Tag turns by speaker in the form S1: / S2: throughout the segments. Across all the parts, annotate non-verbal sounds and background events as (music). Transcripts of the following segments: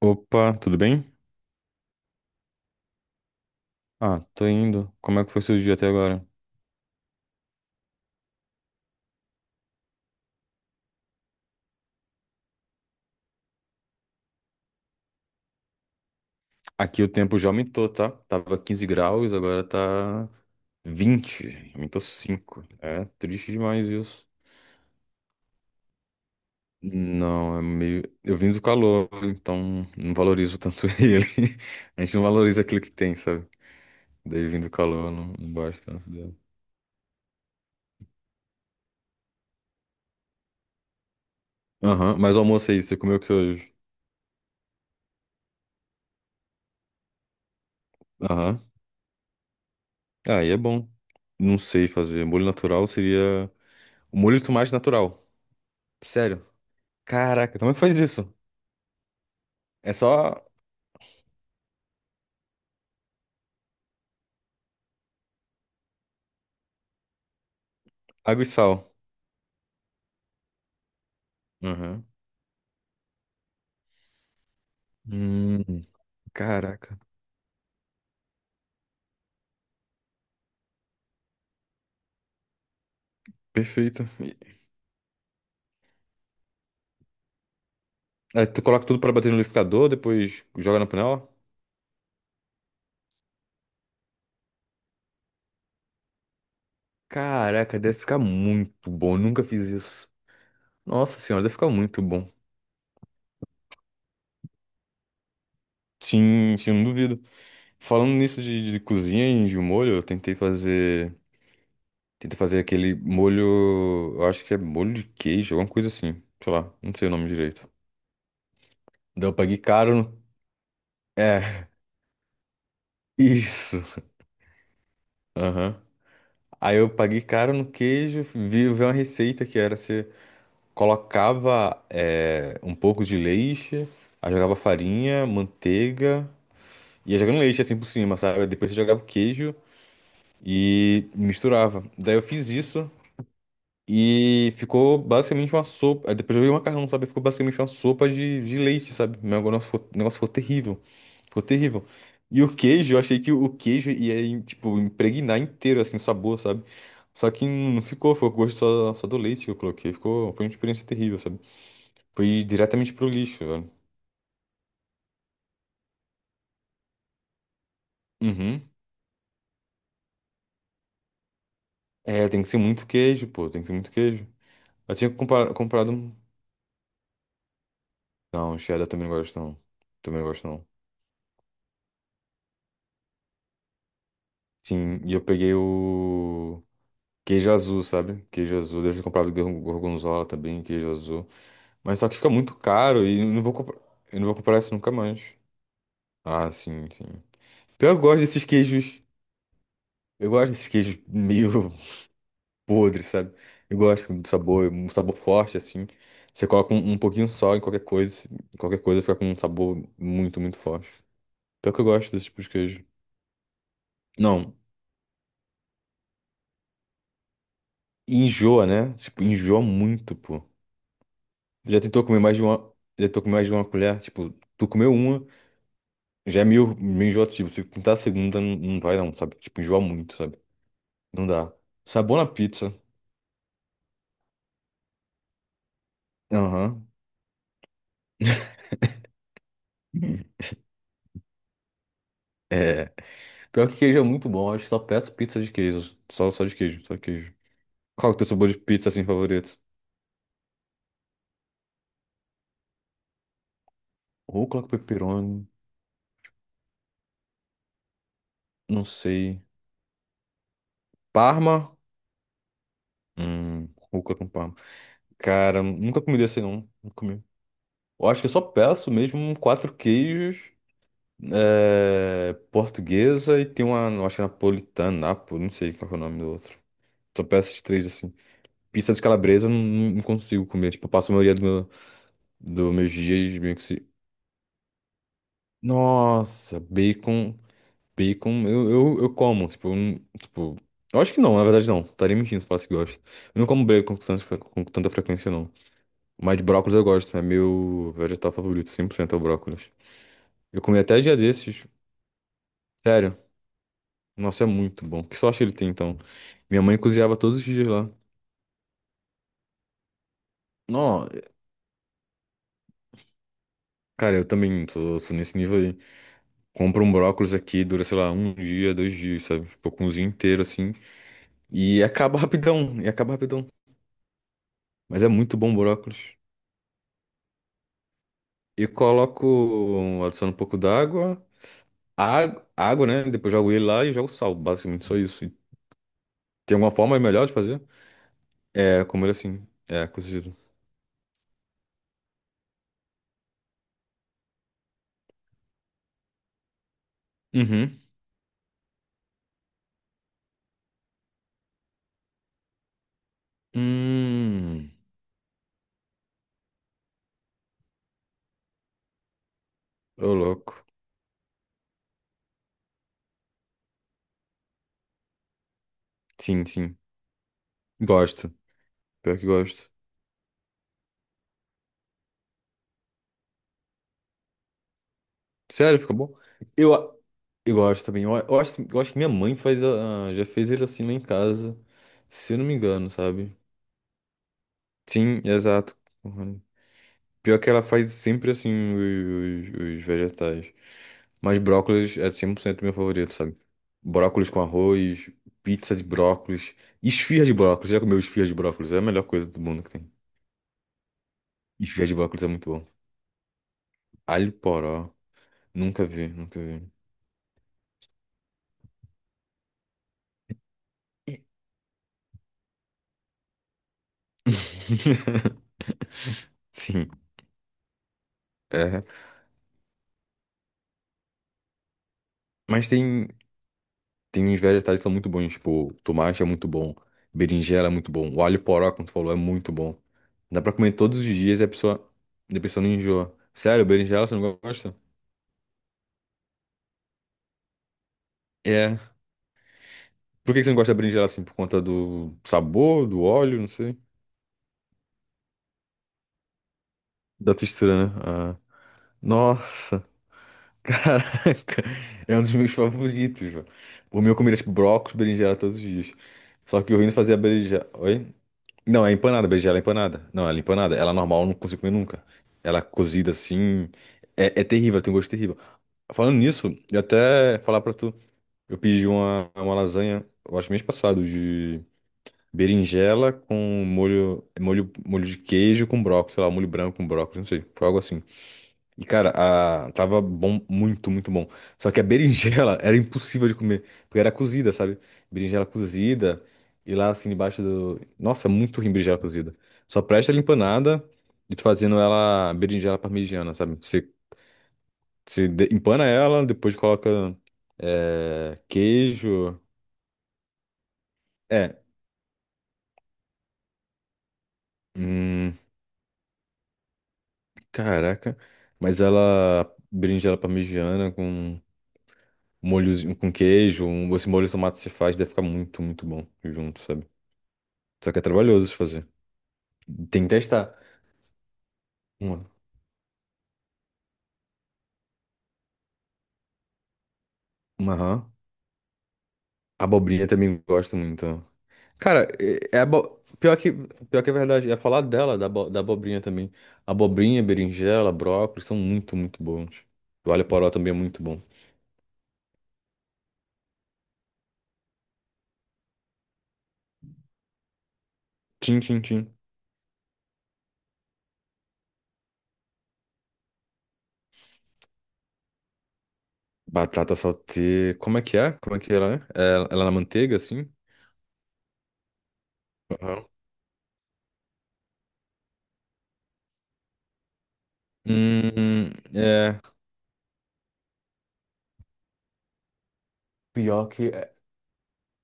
S1: Opa, tudo bem? Ah, tô indo. Como é que foi seu dia até agora? Aqui o tempo já aumentou, tá? Tava 15 graus, agora tá 20. Aumentou 5. É triste demais isso. Não, é meio. Eu vim do calor, então não valorizo tanto (laughs) ele. A gente não valoriza aquilo que tem, sabe? Daí vindo do calor, não, não gosto tanto dele. Aham, mas o almoço aí, você comeu o que hoje? Aham. Ah, aí é bom. Não sei fazer. Molho natural seria. O molho de tomate natural. Sério. Caraca, como é que faz isso? É só água e sal. Uhum. Hum, caraca, perfeito. Aí tu coloca tudo pra bater no liquidificador, depois joga na panela? Caraca, deve ficar muito bom. Nunca fiz isso. Nossa senhora, deve ficar muito bom. Sim, sim, não duvido. Falando nisso de cozinha e de molho, eu tentei fazer. Tentei fazer aquele molho. Eu acho que é molho de queijo, alguma coisa assim. Sei lá, não sei o nome direito. Daí eu paguei caro. É, (laughs) isso. Aham. Aí eu paguei caro no queijo, vi uma receita que era você colocava um pouco de leite, aí jogava farinha, manteiga, ia jogando leite assim por cima, sabe? Depois você jogava o queijo e misturava. Daí eu fiz isso e ficou basicamente uma sopa. Aí depois eu joguei o macarrão, sabe? Ficou basicamente uma sopa de leite, sabe? O negócio ficou terrível. Ficou terrível. E o queijo, eu achei que o queijo ia, tipo, impregnar inteiro, assim, o sabor, sabe? Só que não ficou, foi o gosto só do leite que eu coloquei. Ficou, foi uma experiência terrível, sabe? Foi diretamente pro lixo, velho. Uhum. É, tem que ser muito queijo, pô, tem que ser muito queijo. Eu tinha comprado um... Não, cheddar também não gosto, não. Também não gosto, não. Sim, e eu peguei o queijo azul, sabe? Queijo azul, deve ter comprado gorgonzola também, queijo azul. Mas só que fica muito caro e eu não vou comprar isso nunca mais. Ah, sim, sim. Pior que eu gosto desses queijos. Eu gosto desses queijos meio (laughs) podres, sabe? Eu gosto do sabor, um sabor forte, assim. Você coloca um pouquinho só em qualquer coisa fica com um sabor muito, muito forte. Pior que eu gosto desse tipo de queijo. Não, enjoa, né? Tipo, enjoa muito, pô. Já tentou comer mais de uma. Já tentou comer mais de uma colher? Tipo, tu comeu uma, já é meio enjoativo. Se tentar a segunda, não vai não, sabe? Tipo, enjoa muito, sabe? Não dá. Sabor na pizza. Aham. (laughs) É. Pior que queijo é muito bom, acho que só peço pizza de queijo. Só, só de queijo, só de queijo. Qual que é o teu sabor de pizza assim favorito? Rúcula com pepperoni, não sei. Parma? Hum, rúcula com parma. Cara, nunca comi desse não, nunca comi. Eu acho que eu só peço mesmo quatro queijos, é, portuguesa e tem uma, eu acho que é napolitana, napo, não sei qual que é o nome do outro. Só peço esses três assim. Pizza de calabresa eu não, não consigo comer, tipo, eu passo a maioria do meu, dos meus dias meio que se... Nossa, bacon. Bacon, eu como, tipo, eu não- tipo, eu acho que não, na verdade não, estaria mentindo se falasse que gosto. Eu não como bacon com com tanta frequência, não. Mas brócolis eu gosto, é meu vegetal favorito, 100% é o brócolis. Eu comi até dia desses, sério, nossa, é muito bom. Que sorte ele tem, então. Minha mãe cozinhava todos os dias lá. Não, cara, eu também tô nesse nível aí. Compro um brócolis aqui, dura, sei lá, um dia, 2 dias, sabe? Tipo, cozinho inteiro, assim, e acaba (laughs) rapidão, e acaba rapidão. Mas é muito bom o brócolis. E coloco, adiciono um pouco d'água, água, água, né? Depois jogo ele lá e jogo sal, basicamente, só isso. E tem alguma forma melhor de fazer? É, como ele é assim, é, cozido. Uhum. Hum, ô louco. Sim, sim. Gosto. Pior que gosto. Sério, fica bom? Eu, a- eu gosto também. Eu acho que minha mãe faz, a, já fez ele assim lá em casa, se eu não me engano, sabe? Sim, exato. Pior que ela faz sempre assim os vegetais. Mas brócolis é 100% meu favorito, sabe? Brócolis com arroz, pizza de brócolis, esfirra de brócolis. Já comeu esfirra de brócolis? É a melhor coisa do mundo que tem. Esfirra de brócolis é muito bom. Alho poró. Nunca vi, nunca vi. (laughs) Sim, é. Mas tem. Tem uns vegetais que são muito bons, tipo, tomate é muito bom, berinjela é muito bom, o alho poró, como tu falou, é muito bom. Dá pra comer todos os dias e a pessoa não enjoa. Sério, berinjela você não gosta? É. Por que que você não gosta da berinjela assim? Por conta do sabor, do óleo, não sei. Da textura, né? Ah. Nossa, (laughs) caraca, é um dos meus favoritos, velho. O meu eu comeria, tipo, brócolis, berinjela todos os dias. Só que o Rino fazia berinjela. Oi? Não, é empanada, berinjela é empanada. Não, ela é empanada. Ela normal eu não consigo comer nunca. Ela é cozida assim. É, é terrível, ela tem um gosto terrível. Falando nisso, eu até falar pra tu. Eu pedi uma lasanha, eu acho mês passado, de berinjela com molho, molho de queijo com brócolis, sei lá, molho branco com brócolis, não sei. Foi algo assim. E, cara, a... tava bom, muito, muito bom. Só que a berinjela (laughs) era impossível de comer, porque era cozida, sabe? Berinjela cozida, e lá assim, debaixo do. Nossa, é muito ruim berinjela cozida. Só presta ela empanada e tu fazendo ela berinjela parmegiana, sabe? Você, empana ela, depois coloca queijo. É, hum, caraca. Mas ela, berinjela parmegiana com molhozinho, com queijo, um, esse molho de tomate que você faz, deve ficar muito, muito bom junto, sabe? Só que é trabalhoso de fazer. Tem que testar. Uma. Uma rã. Abobrinha também gosto muito. Cara, é pior que é verdade. Ia falar dela, da, da abobrinha também. Abobrinha, berinjela, brócolis são muito, muito bons. O alho poró também é muito bom. Tchim, tchim, tchim. Batata saltê. Como é que é? Como é que ela é? Ela é na manteiga, assim? Aham. É. Pior que.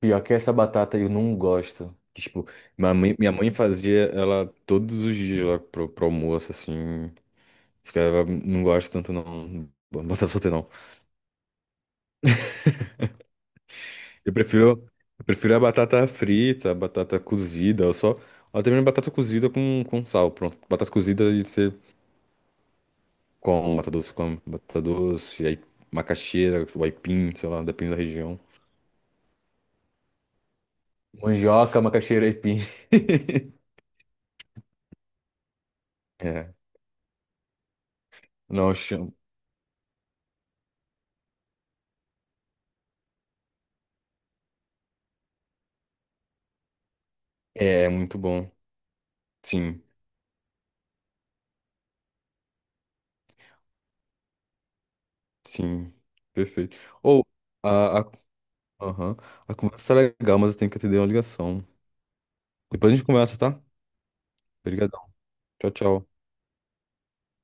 S1: Pior que essa batata eu não gosto. Tipo, minha mãe fazia ela todos os dias lá pro almoço, assim. Ficava, não gosto tanto não. Batata solteira não. Eu prefiro, eu prefiro a batata frita, a batata cozida, ou só. Ou também batata cozida com sal, pronto. Batata cozida e você com batata doce, aí macaxeira, o aipim, sei lá, depende da região. Mandioca, macaxeira e aipim. (laughs) É, não, é muito bom. Sim. Sim, perfeito. Ou, a, a, aham, a conversa tá legal, mas eu tenho que atender uma ligação. Depois a gente conversa, tá? Obrigadão. Tchau, tchau.